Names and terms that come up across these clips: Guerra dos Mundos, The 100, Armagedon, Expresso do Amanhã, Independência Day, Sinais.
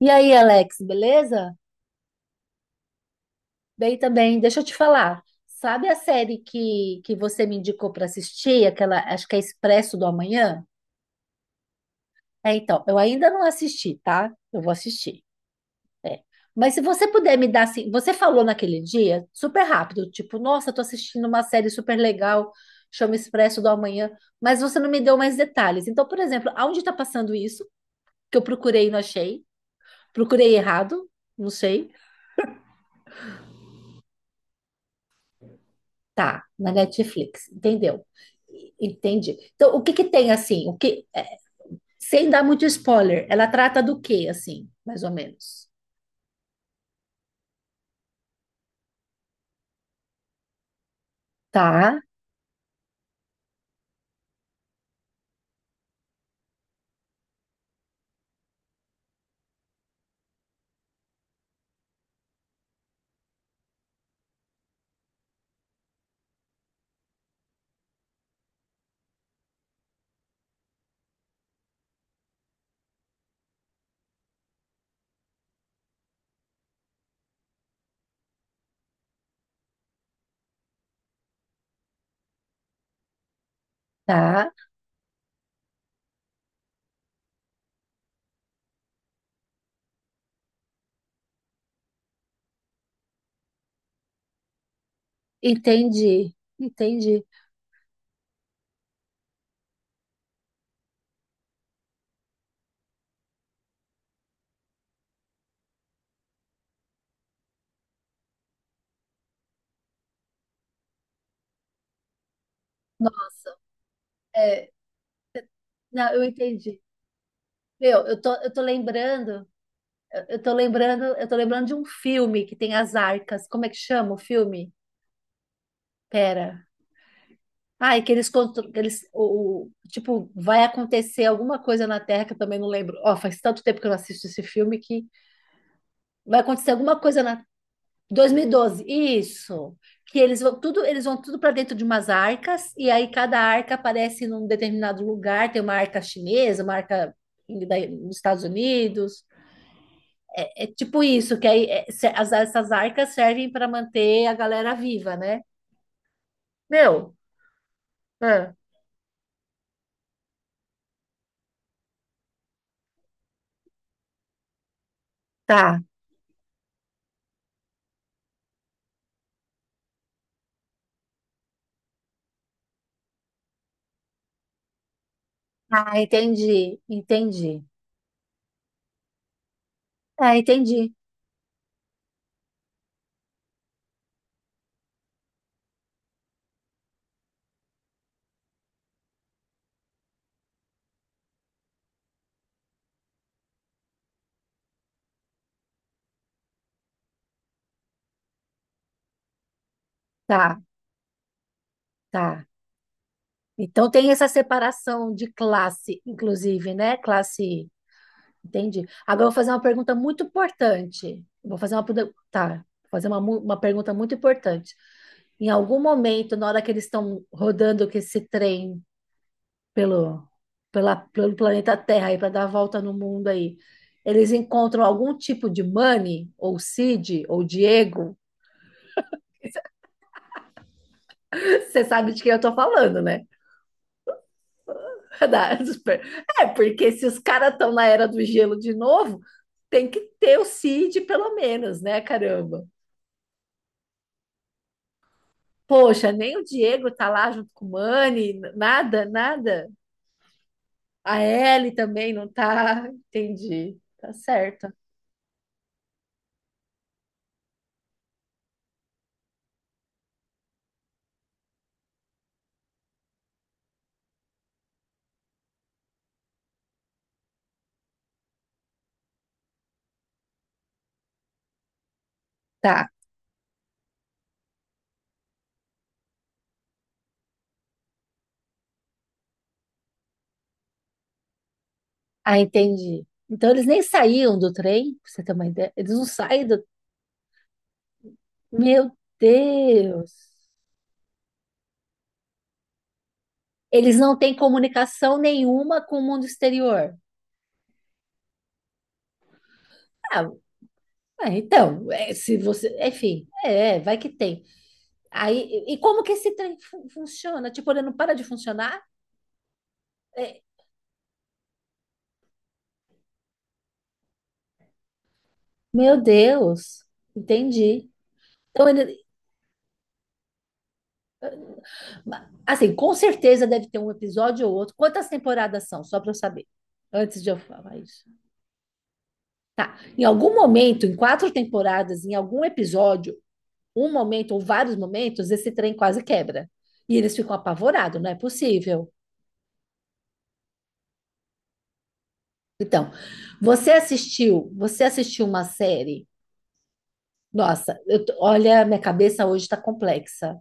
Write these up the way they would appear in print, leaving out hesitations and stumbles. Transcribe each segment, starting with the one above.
E aí, Alex, beleza? Bem também, deixa eu te falar. Sabe a série que você me indicou para assistir? Aquela, acho que é Expresso do Amanhã? Eu ainda não assisti, tá? Eu vou assistir. É. Mas se você puder me dar assim, você falou naquele dia, super rápido, tipo, nossa, tô assistindo uma série super legal, chama Expresso do Amanhã, mas você não me deu mais detalhes. Então, por exemplo, aonde está passando isso? Que eu procurei e não achei. Procurei errado, não sei. Tá, na Netflix, entendeu? Entendi. Então, o que que tem assim? Sem dar muito spoiler, ela trata do que assim, mais ou menos? Tá, tá. Entendi, entendi. Nossa, é, não, eu entendi. Meu, eu tô lembrando de um filme que tem as arcas. Como é que chama o filme? Pera. Ai, que tipo, vai acontecer alguma coisa na Terra que eu também não lembro. Ó, faz tanto tempo que eu não assisto esse filme que vai acontecer alguma coisa na 2012? Isso. Que eles vão tudo para dentro de umas arcas e aí cada arca aparece num determinado lugar, tem uma arca chinesa, uma arca dos Estados Unidos. É tipo isso, que aí é, se- as- essas arcas servem para manter a galera viva, né? Meu, ah, tá. Ah, entendi, entendi. Ah, entendi. Tá, tá. Então tem essa separação de classe, inclusive, né? Classe. Entendi. Agora eu vou fazer uma pergunta muito importante. Vou fazer uma, uma pergunta muito importante. Em algum momento, na hora que eles estão rodando com esse trem pelo, pelo planeta Terra aí para dar a volta no mundo aí, eles encontram algum tipo de Manny ou Cid, ou Diego? Você sabe de quem eu tô falando, né? Da- é, porque se os caras estão na era do gelo de novo, tem que ter o Cid pelo menos, né? Caramba. Poxa, nem o Diego tá lá junto com o Mani, nada, nada. A Ellie também não tá. Entendi. Tá certo. Tá. Ah, entendi. Então eles nem saíam do trem, pra você ter uma ideia. Eles não saem do. Meu Deus! Eles não têm comunicação nenhuma com o mundo exterior. Ah, se você. Enfim, vai que tem. Aí, e como que esse trem funciona? Tipo, ele não para de funcionar? É, meu Deus, entendi. Então, assim, com certeza deve ter um episódio ou outro. Quantas temporadas são? Só para eu saber. Antes de eu falar isso. Tá. Em algum momento, em quatro temporadas, em algum episódio, um momento ou vários momentos, esse trem quase quebra. E eles ficam apavorados, não é possível. Então, você assistiu uma série. Nossa, eu tô- olha, minha cabeça hoje está complexa.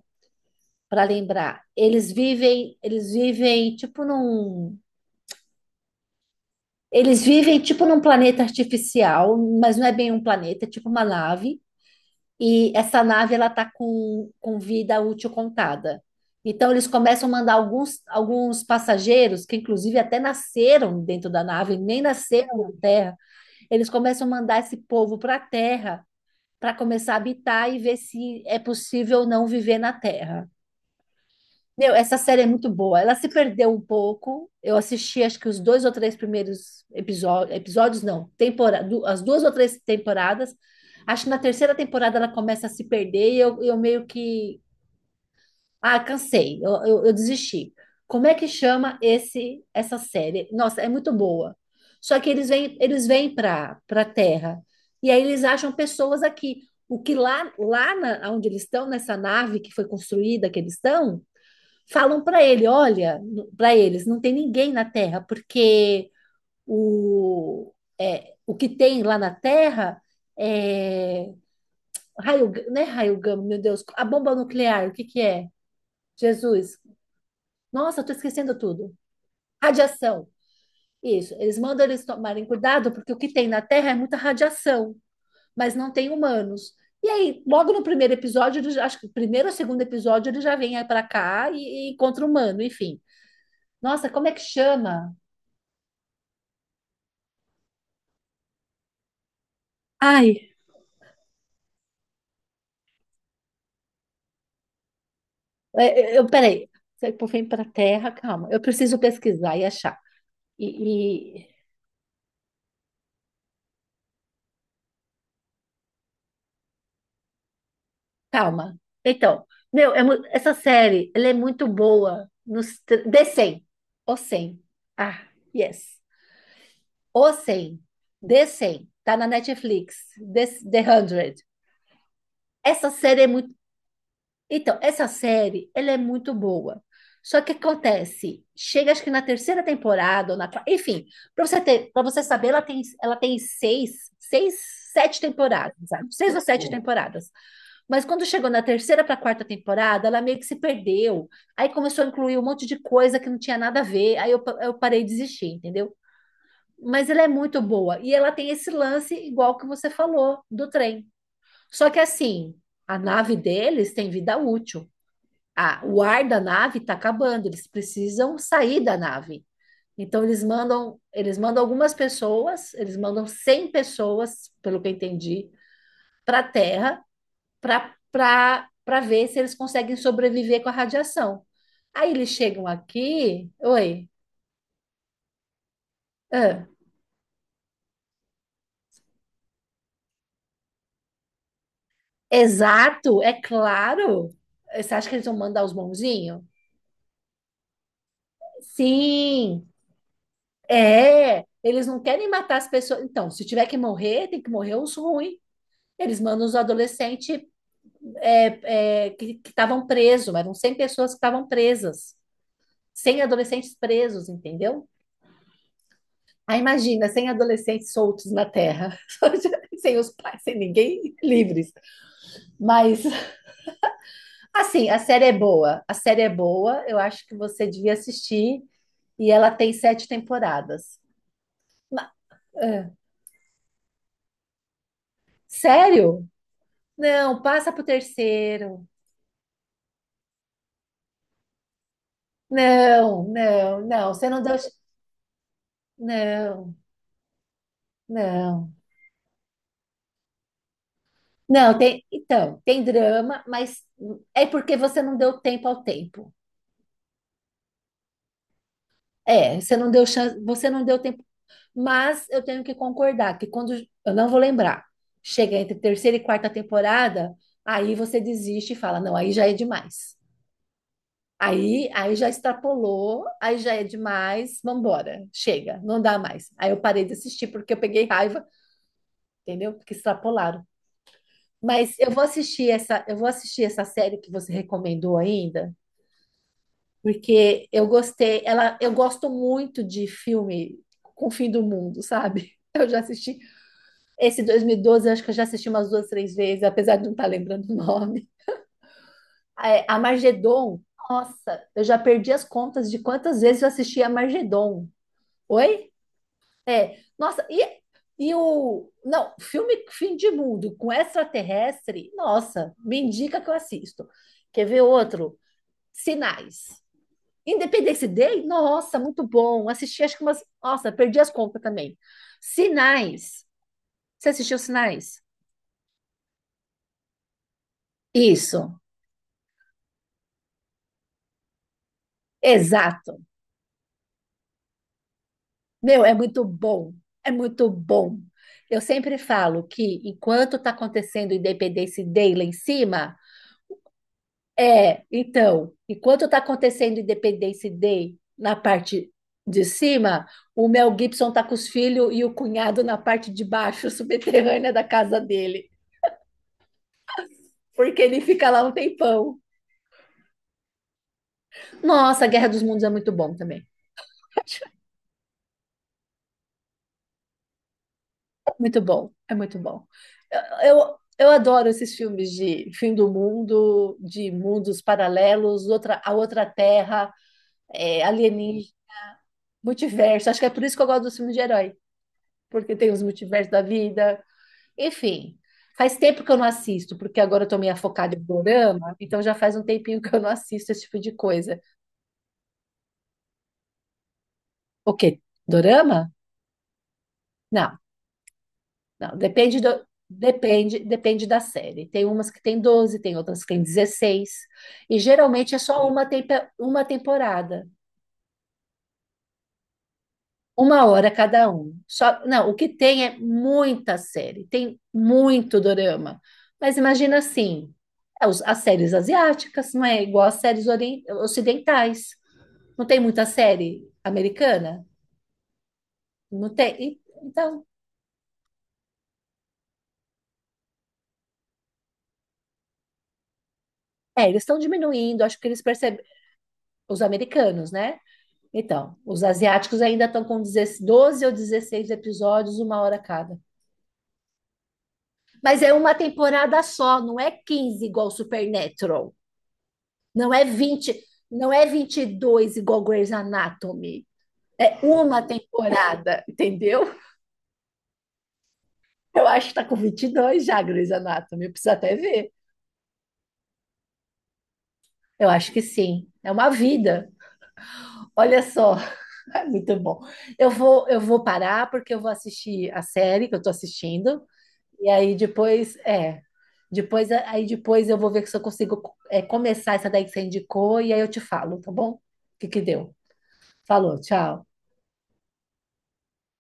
Para lembrar, eles vivem tipo num planeta artificial, mas não é bem um planeta, é tipo uma nave. E essa nave ela tá com vida útil contada. Então eles começam a mandar alguns passageiros, que inclusive até nasceram dentro da nave, nem nasceram na Terra. Eles começam a mandar esse povo para a Terra para começar a habitar e ver se é possível ou não viver na Terra. Meu, essa série é muito boa. Ela se perdeu um pouco. Eu assisti, acho que os dois ou três primeiros episódios, episódios não, temporada, as duas ou três temporadas. Acho que na terceira temporada ela começa a se perder e eu meio que, ah, cansei, eu desisti. Como é que chama esse essa série? Nossa, é muito boa. Só que eles vêm para Terra e aí eles acham pessoas aqui. O que lá na, onde eles estão nessa nave que foi construída que eles estão falam para ele, olha, para eles, não tem ninguém na Terra, porque o, o que tem lá na Terra é raio, não é raio gama, meu Deus, a bomba nuclear, o que que é? Jesus. Nossa, eu tô esquecendo tudo. Radiação. Isso, eles mandam eles tomarem cuidado porque o que tem na Terra é muita radiação, mas não tem humanos. E aí, logo no primeiro episódio, acho que o primeiro ou segundo episódio, ele já vem para cá e encontra humano, enfim. Nossa, como é que chama? Ai, é, peraí. Você vem para a Terra, calma. Eu preciso pesquisar e achar. E, e- calma. Então, meu, essa série, ela é muito boa nos tr- The 100. O 100. Ah, yes. O 100. The, 100. Tá na Netflix. The 100. Essa série é muito Então, essa série, ela é muito boa. Só que acontece, chega acho que na terceira temporada, ou na, enfim, para você ter, para você saber, ela tem seis, sete temporadas, sabe? Seis ou sete temporadas. Mas quando chegou na terceira para quarta temporada, ela meio que se perdeu. Aí começou a incluir um monte de coisa que não tinha nada a ver. Aí eu parei de desistir, entendeu? Mas ela é muito boa. E ela tem esse lance igual que você falou, do trem. Só que assim, a nave deles tem vida útil. Ah, o ar da nave está acabando, eles precisam sair da nave. Então eles mandam algumas pessoas, eles mandam 100 pessoas, pelo que eu entendi, para a Terra para ver se eles conseguem sobreviver com a radiação. Aí eles chegam aqui, oi, ah, exato, é claro. Você acha que eles vão mandar os bonzinhos? Sim, é. Eles não querem matar as pessoas. Então, se tiver que morrer, tem que morrer os ruins. Eles mandam os adolescentes que estavam presos, eram 100 pessoas que estavam presas, 100 adolescentes presos, entendeu? Aí imagina, 100 adolescentes soltos na Terra, sem os pais, sem ninguém, livres. Mas, assim, a série é boa, a série é boa, eu acho que você devia assistir, e ela tem sete temporadas. Ma- ah, Sério? Não, passa pro terceiro. Não, não, não, você não deu. Não, não. Não, tem, então, tem drama, mas é porque você não deu tempo ao tempo. É, você não deu chance, você não deu tempo. Mas eu tenho que concordar que quando, eu não vou lembrar, chega entre terceira e quarta temporada, aí você desiste e fala, não, aí já é demais. Aí já extrapolou, aí já é demais, vambora, chega, não dá mais. Aí eu parei de assistir porque eu peguei raiva, entendeu? Porque extrapolaram. Mas eu vou assistir essa série que você recomendou ainda. Porque eu gostei, ela, eu gosto muito de filme com o fim do mundo, sabe? Eu já assisti esse 2012, eu acho que eu já assisti umas duas, três vezes, apesar de não estar lembrando o nome. A Armagedon, nossa, eu já perdi as contas de quantas vezes eu assisti a Armagedon. Oi? É, nossa, e o. Não, filme Fim de Mundo com extraterrestre, nossa, me indica que eu assisto. Quer ver outro? Sinais. Independência Day? Nossa, muito bom. Assisti, acho que umas. Nossa, perdi as contas também. Sinais. Você assistiu Sinais? Isso, exato. Meu, é muito bom. É muito bom. Eu sempre falo que enquanto está acontecendo Independência Day lá em cima, então, enquanto está acontecendo Independência Day na parte de cima, o Mel Gibson tá com os filhos e o cunhado na parte de baixo, subterrânea da casa dele, porque ele fica lá um tempão. Nossa, Guerra dos Mundos é muito bom também. Muito bom, é muito bom. Eu adoro esses filmes de fim do mundo, de mundos paralelos, outra, a outra terra, é, alienígena, multiverso. Acho que é por isso que eu gosto dos filmes de herói, porque tem os multiversos da vida. Enfim, faz tempo que eu não assisto, porque agora eu tô meio focada em dorama, então já faz um tempinho que eu não assisto esse tipo de coisa. O quê? Dorama? Não. Não, depende do, depende, depende da série. Tem umas que tem 12, tem outras que tem 16. E geralmente é só uma, uma temporada, uma hora cada um. Só, não, o que tem é muita série, tem muito dorama. Mas imagina assim, as séries asiáticas não é igual às séries ocidentais. Não tem muita série americana? Não tem. Então, é, eles estão diminuindo, acho que eles percebem, os americanos, né? Então, os asiáticos ainda estão com 12 ou 16 episódios, uma hora cada. Mas é uma temporada só, não é 15 igual Supernatural. Não é 20, não é 22 igual Grey's Anatomy. É uma temporada, entendeu? Eu acho que tá com 22 já, Grey's Anatomy. Eu preciso até ver. Eu acho que sim. É uma vida. Olha só, é muito bom. Eu vou parar porque eu vou assistir a série que eu tô assistindo. E aí depois, é. Depois, aí depois eu vou ver se eu consigo começar essa daí que você indicou e aí eu te falo, tá bom? O que que deu? Falou, tchau.